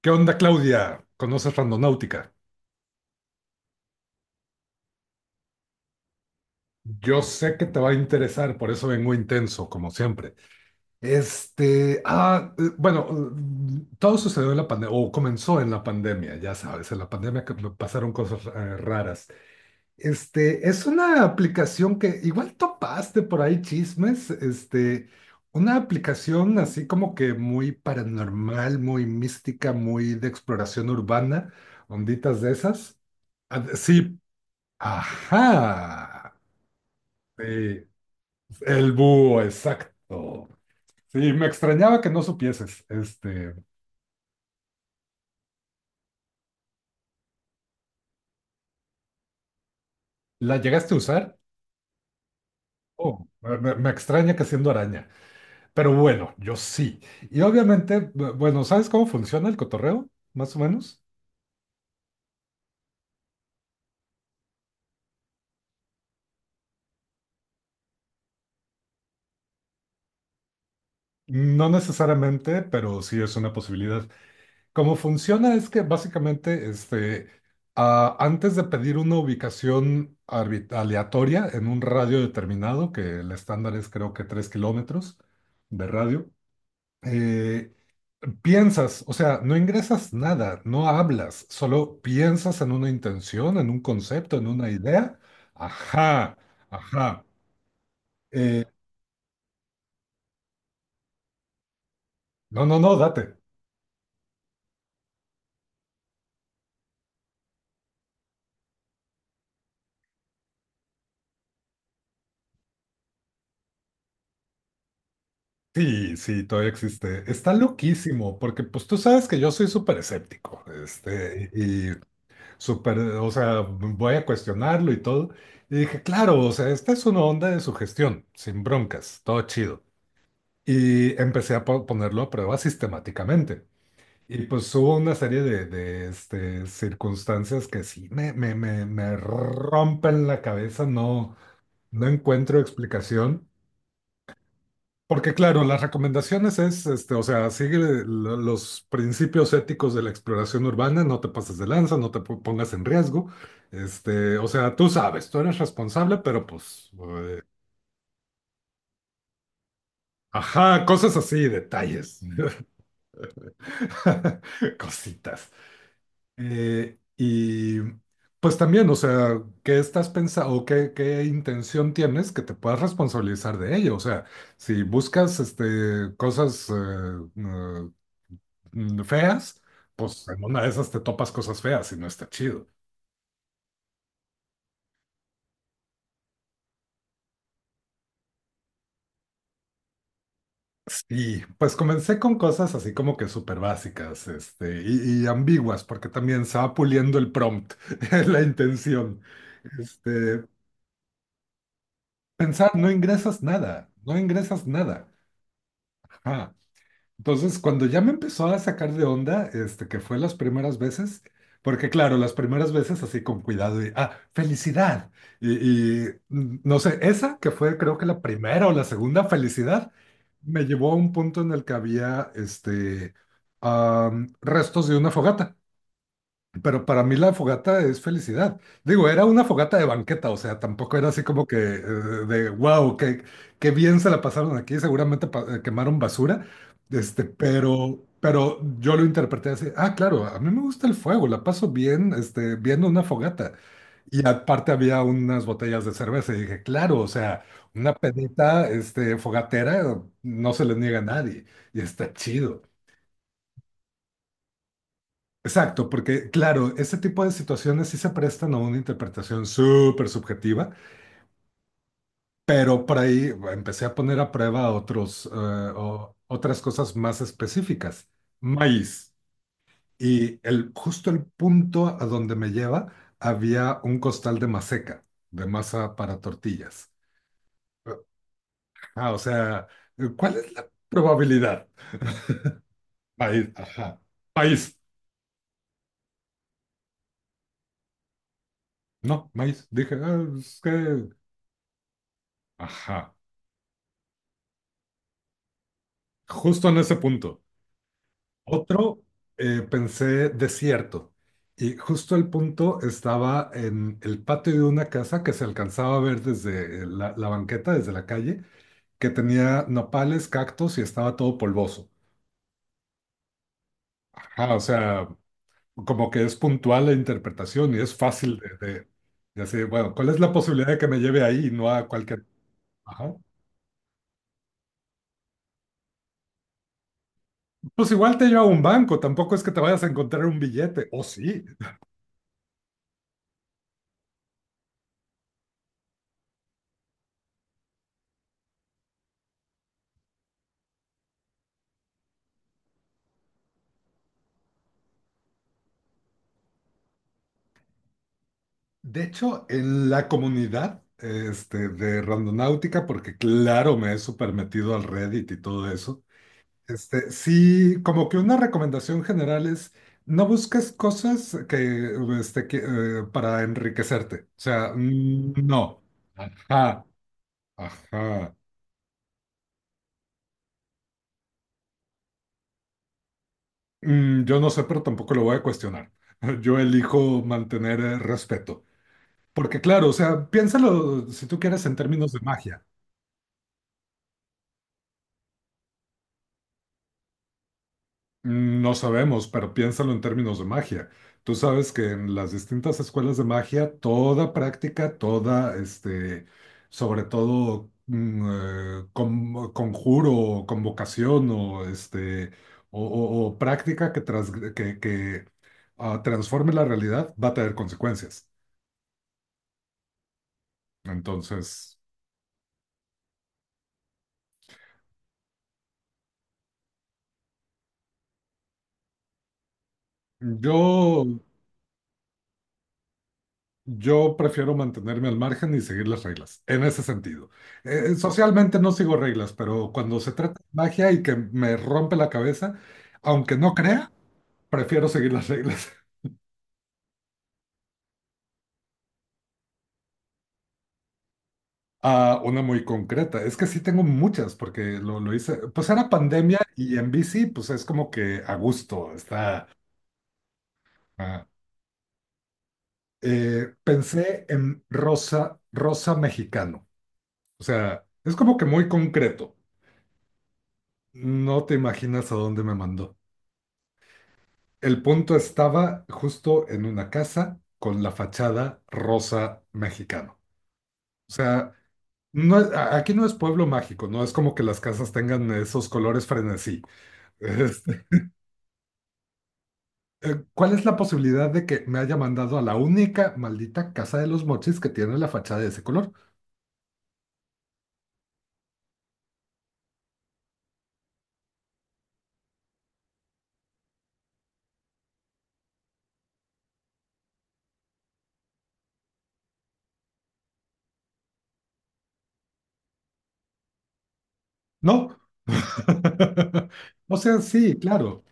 ¿Qué onda, Claudia? ¿Conoces Randonáutica? Yo sé que te va a interesar, por eso vengo intenso, como siempre. Bueno, todo sucedió en la pandemia, o comenzó en la pandemia, ya sabes, en la pandemia que me pasaron cosas raras. Es una aplicación que igual topaste por ahí chismes, una aplicación así como que muy paranormal, muy mística, muy de exploración urbana, onditas de esas. Ah, sí. Ajá. Sí, el búho, exacto. Sí, me extrañaba que no supieses. ¿La llegaste a usar? Oh, me extraña que siendo araña. Pero bueno, yo sí. Y obviamente, bueno, ¿sabes cómo funciona el cotorreo? Más o menos. No necesariamente, pero sí es una posibilidad. Cómo funciona es que básicamente antes de pedir una ubicación aleatoria en un radio determinado, que el estándar es creo que 3 kilómetros de radio. eh, Piensas, o sea, no ingresas nada, no hablas, solo piensas en una intención, en un concepto, en una idea. Ajá, ajá. Eh, no, no, no, date. Sí, sí, todavía existe. Está loquísimo, porque pues tú sabes que yo soy súper escéptico, y súper, o sea, voy a cuestionarlo y todo. Y dije, claro, o sea, esta es una onda de sugestión, sin broncas, todo chido. Y empecé a ponerlo a prueba sistemáticamente. Y pues hubo una serie de circunstancias que sí me rompen la cabeza. No, no encuentro explicación. Porque claro, las recomendaciones es, o sea, sigue los principios éticos de la exploración urbana, no te pases de lanza, no te pongas en riesgo, o sea, tú sabes, tú eres responsable, pero pues, eh, ajá, cosas así, detalles, cositas. Y pues también, o sea, ¿qué estás pensando o qué intención tienes que te puedas responsabilizar de ello? O sea, si buscas, cosas eh, feas, pues en una de esas te topas cosas feas y no está chido. Y pues comencé con cosas así como que súper básicas, y ambiguas, porque también se va puliendo el prompt, la intención. Este, Pensar, no ingresas nada, no ingresas nada. Ajá. Entonces, cuando ya me empezó a sacar de onda, que fue las primeras veces, porque claro, las primeras veces así con cuidado y, felicidad. No sé, esa que fue creo que la primera o la segunda felicidad, me llevó a un punto en el que había, restos de una fogata. Pero para mí la fogata es felicidad. Digo, era una fogata de banqueta, o sea, tampoco era así como que de wow, qué bien se la pasaron aquí, seguramente quemaron basura, pero yo lo interpreté así, ah, claro, a mí me gusta el fuego, la paso bien, viendo una fogata. Y aparte había unas botellas de cerveza y dije, claro, o sea, una pedita, fogatera, no se le niega a nadie y está chido. Exacto, porque claro, ese tipo de situaciones sí se prestan a una interpretación súper subjetiva, pero por ahí empecé a poner a prueba otros, otras cosas más específicas. Maíz. Y justo el punto a donde me lleva había un costal de maseca, de masa para tortillas. Ah, o sea, ¿cuál es la probabilidad? Maíz, ajá. Maíz. No, maíz. Dije, ah, es que. Ajá. Justo en ese punto. Otro, pensé desierto. Y justo el punto estaba en el patio de una casa que se alcanzaba a ver desde la banqueta, desde la calle, que tenía nopales, cactus y estaba todo polvoso. Ajá, o sea, como que es puntual la interpretación y es fácil de decir, bueno, ¿cuál es la posibilidad de que me lleve ahí y no a cualquier? Ajá. Pues igual te lleva a un banco, tampoco es que te vayas a encontrar un billete, o sí. De hecho, en la comunidad de Randonáutica, porque claro, me he super metido al Reddit y todo eso, sí, como que una recomendación general es no busques cosas que, para enriquecerte. O sea, no. Ajá, ajá. Yo no sé, pero tampoco lo voy a cuestionar. Yo elijo mantener respeto. Porque claro, o sea, piénsalo si tú quieres en términos de magia. No sabemos, pero piénsalo en términos de magia. Tú sabes que en las distintas escuelas de magia, toda práctica, toda, sobre todo, conjuro, o convocación o, este, o práctica que transforme la realidad va a tener consecuencias. Entonces, yo Yo prefiero mantenerme al margen y seguir las reglas, en ese sentido. Socialmente no sigo reglas, pero cuando se trata de magia y que me rompe la cabeza, aunque no crea, prefiero seguir las reglas. Ah, una muy concreta. Es que sí tengo muchas, porque lo hice. Pues era pandemia y en bici, pues es como que a gusto, está. ah. Pensé en rosa, rosa mexicano. O sea, es como que muy concreto. No te imaginas a dónde me mandó. El punto estaba justo en una casa con la fachada rosa mexicano. O sea, aquí no es pueblo mágico, no es como que las casas tengan esos colores frenesí. Este, ¿Cuál es la posibilidad de que me haya mandado a la única maldita casa de los mochis que tiene la fachada de ese color? No. O sea, sí, claro.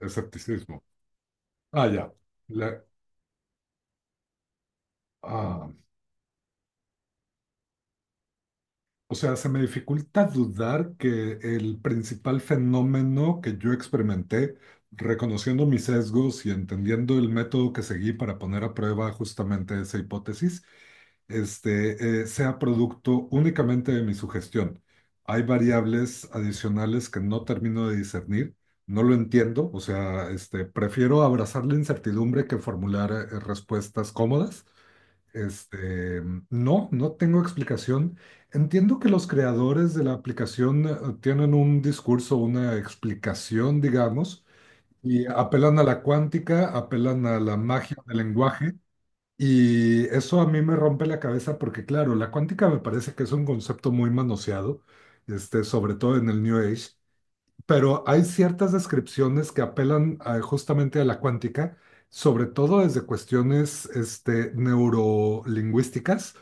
Escepticismo. Ah, ya. Le- ah. O sea, se me dificulta dudar que el principal fenómeno que yo experimenté, reconociendo mis sesgos y entendiendo el método que seguí para poner a prueba justamente esa hipótesis, sea producto únicamente de mi sugestión. Hay variables adicionales que no termino de discernir, no lo entiendo, o sea, prefiero abrazar la incertidumbre que formular respuestas cómodas. Este, no, no tengo explicación. Entiendo que los creadores de la aplicación tienen un discurso, una explicación, digamos, y apelan a la cuántica, apelan a la magia del lenguaje, y eso a mí me rompe la cabeza porque, claro, la cuántica me parece que es un concepto muy manoseado, sobre todo en el New Age, pero hay ciertas descripciones que apelan justamente a la cuántica, sobre todo desde cuestiones neurolingüísticas,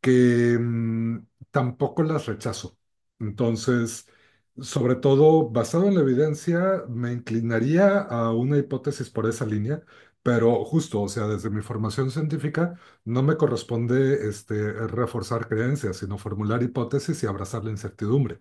que tampoco las rechazo. Entonces, sobre todo basado en la evidencia, me inclinaría a una hipótesis por esa línea. Pero justo, o sea, desde mi formación científica no me corresponde reforzar creencias, sino formular hipótesis y abrazar la incertidumbre.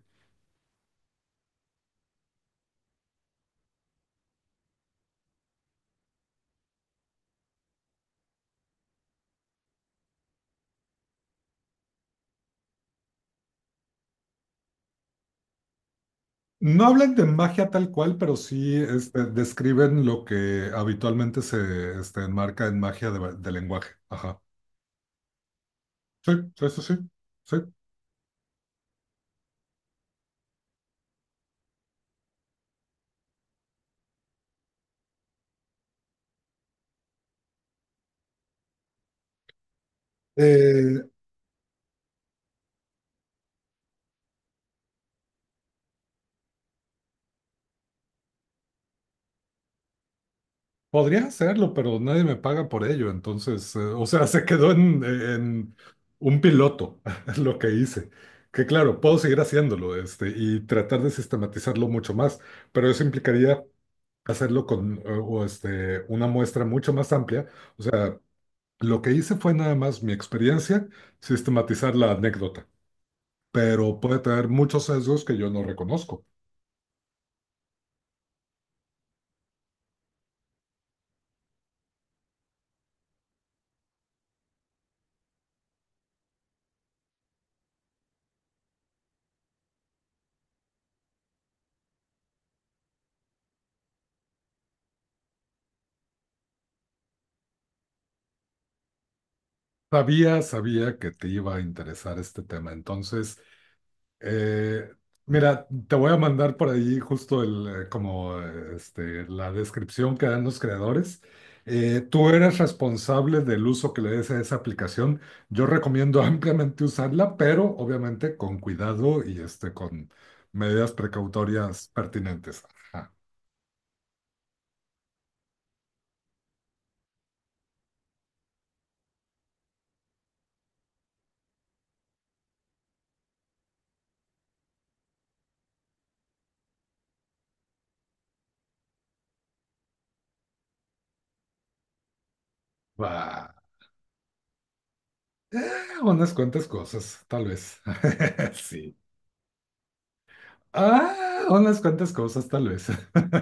No hablan de magia tal cual, pero sí describen lo que habitualmente se enmarca en magia de lenguaje. Ajá. Sí, sí, sí, sí, sí. Eh, Podría hacerlo, pero nadie me paga por ello. Entonces, o sea, se quedó en un piloto lo que hice. Que claro, puedo seguir haciéndolo y tratar de sistematizarlo mucho más, pero eso implicaría hacerlo con una muestra mucho más amplia. O sea. Lo que hice fue nada más mi experiencia, sistematizar la anécdota, pero puede tener muchos sesgos que yo no reconozco. Sabía, sabía que te iba a interesar este tema. Entonces, eh, mira, te voy a mandar por ahí justo la descripción que dan los creadores. Tú eres responsable del uso que le des a esa aplicación. Yo recomiendo ampliamente usarla, pero obviamente con cuidado y con medidas precautorias pertinentes. Ajá. Va, unas cuantas cosas, tal vez. Sí. Ah, unas cuantas cosas, tal vez.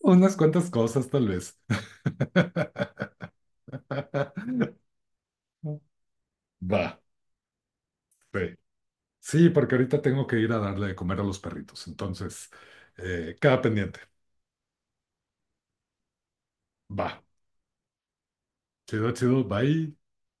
Unas cuantas cosas, tal vez. Va, sí. Sí, porque ahorita tengo que ir a darle de comer a los perritos. Entonces, queda pendiente. Va. Chido, chido. Bye.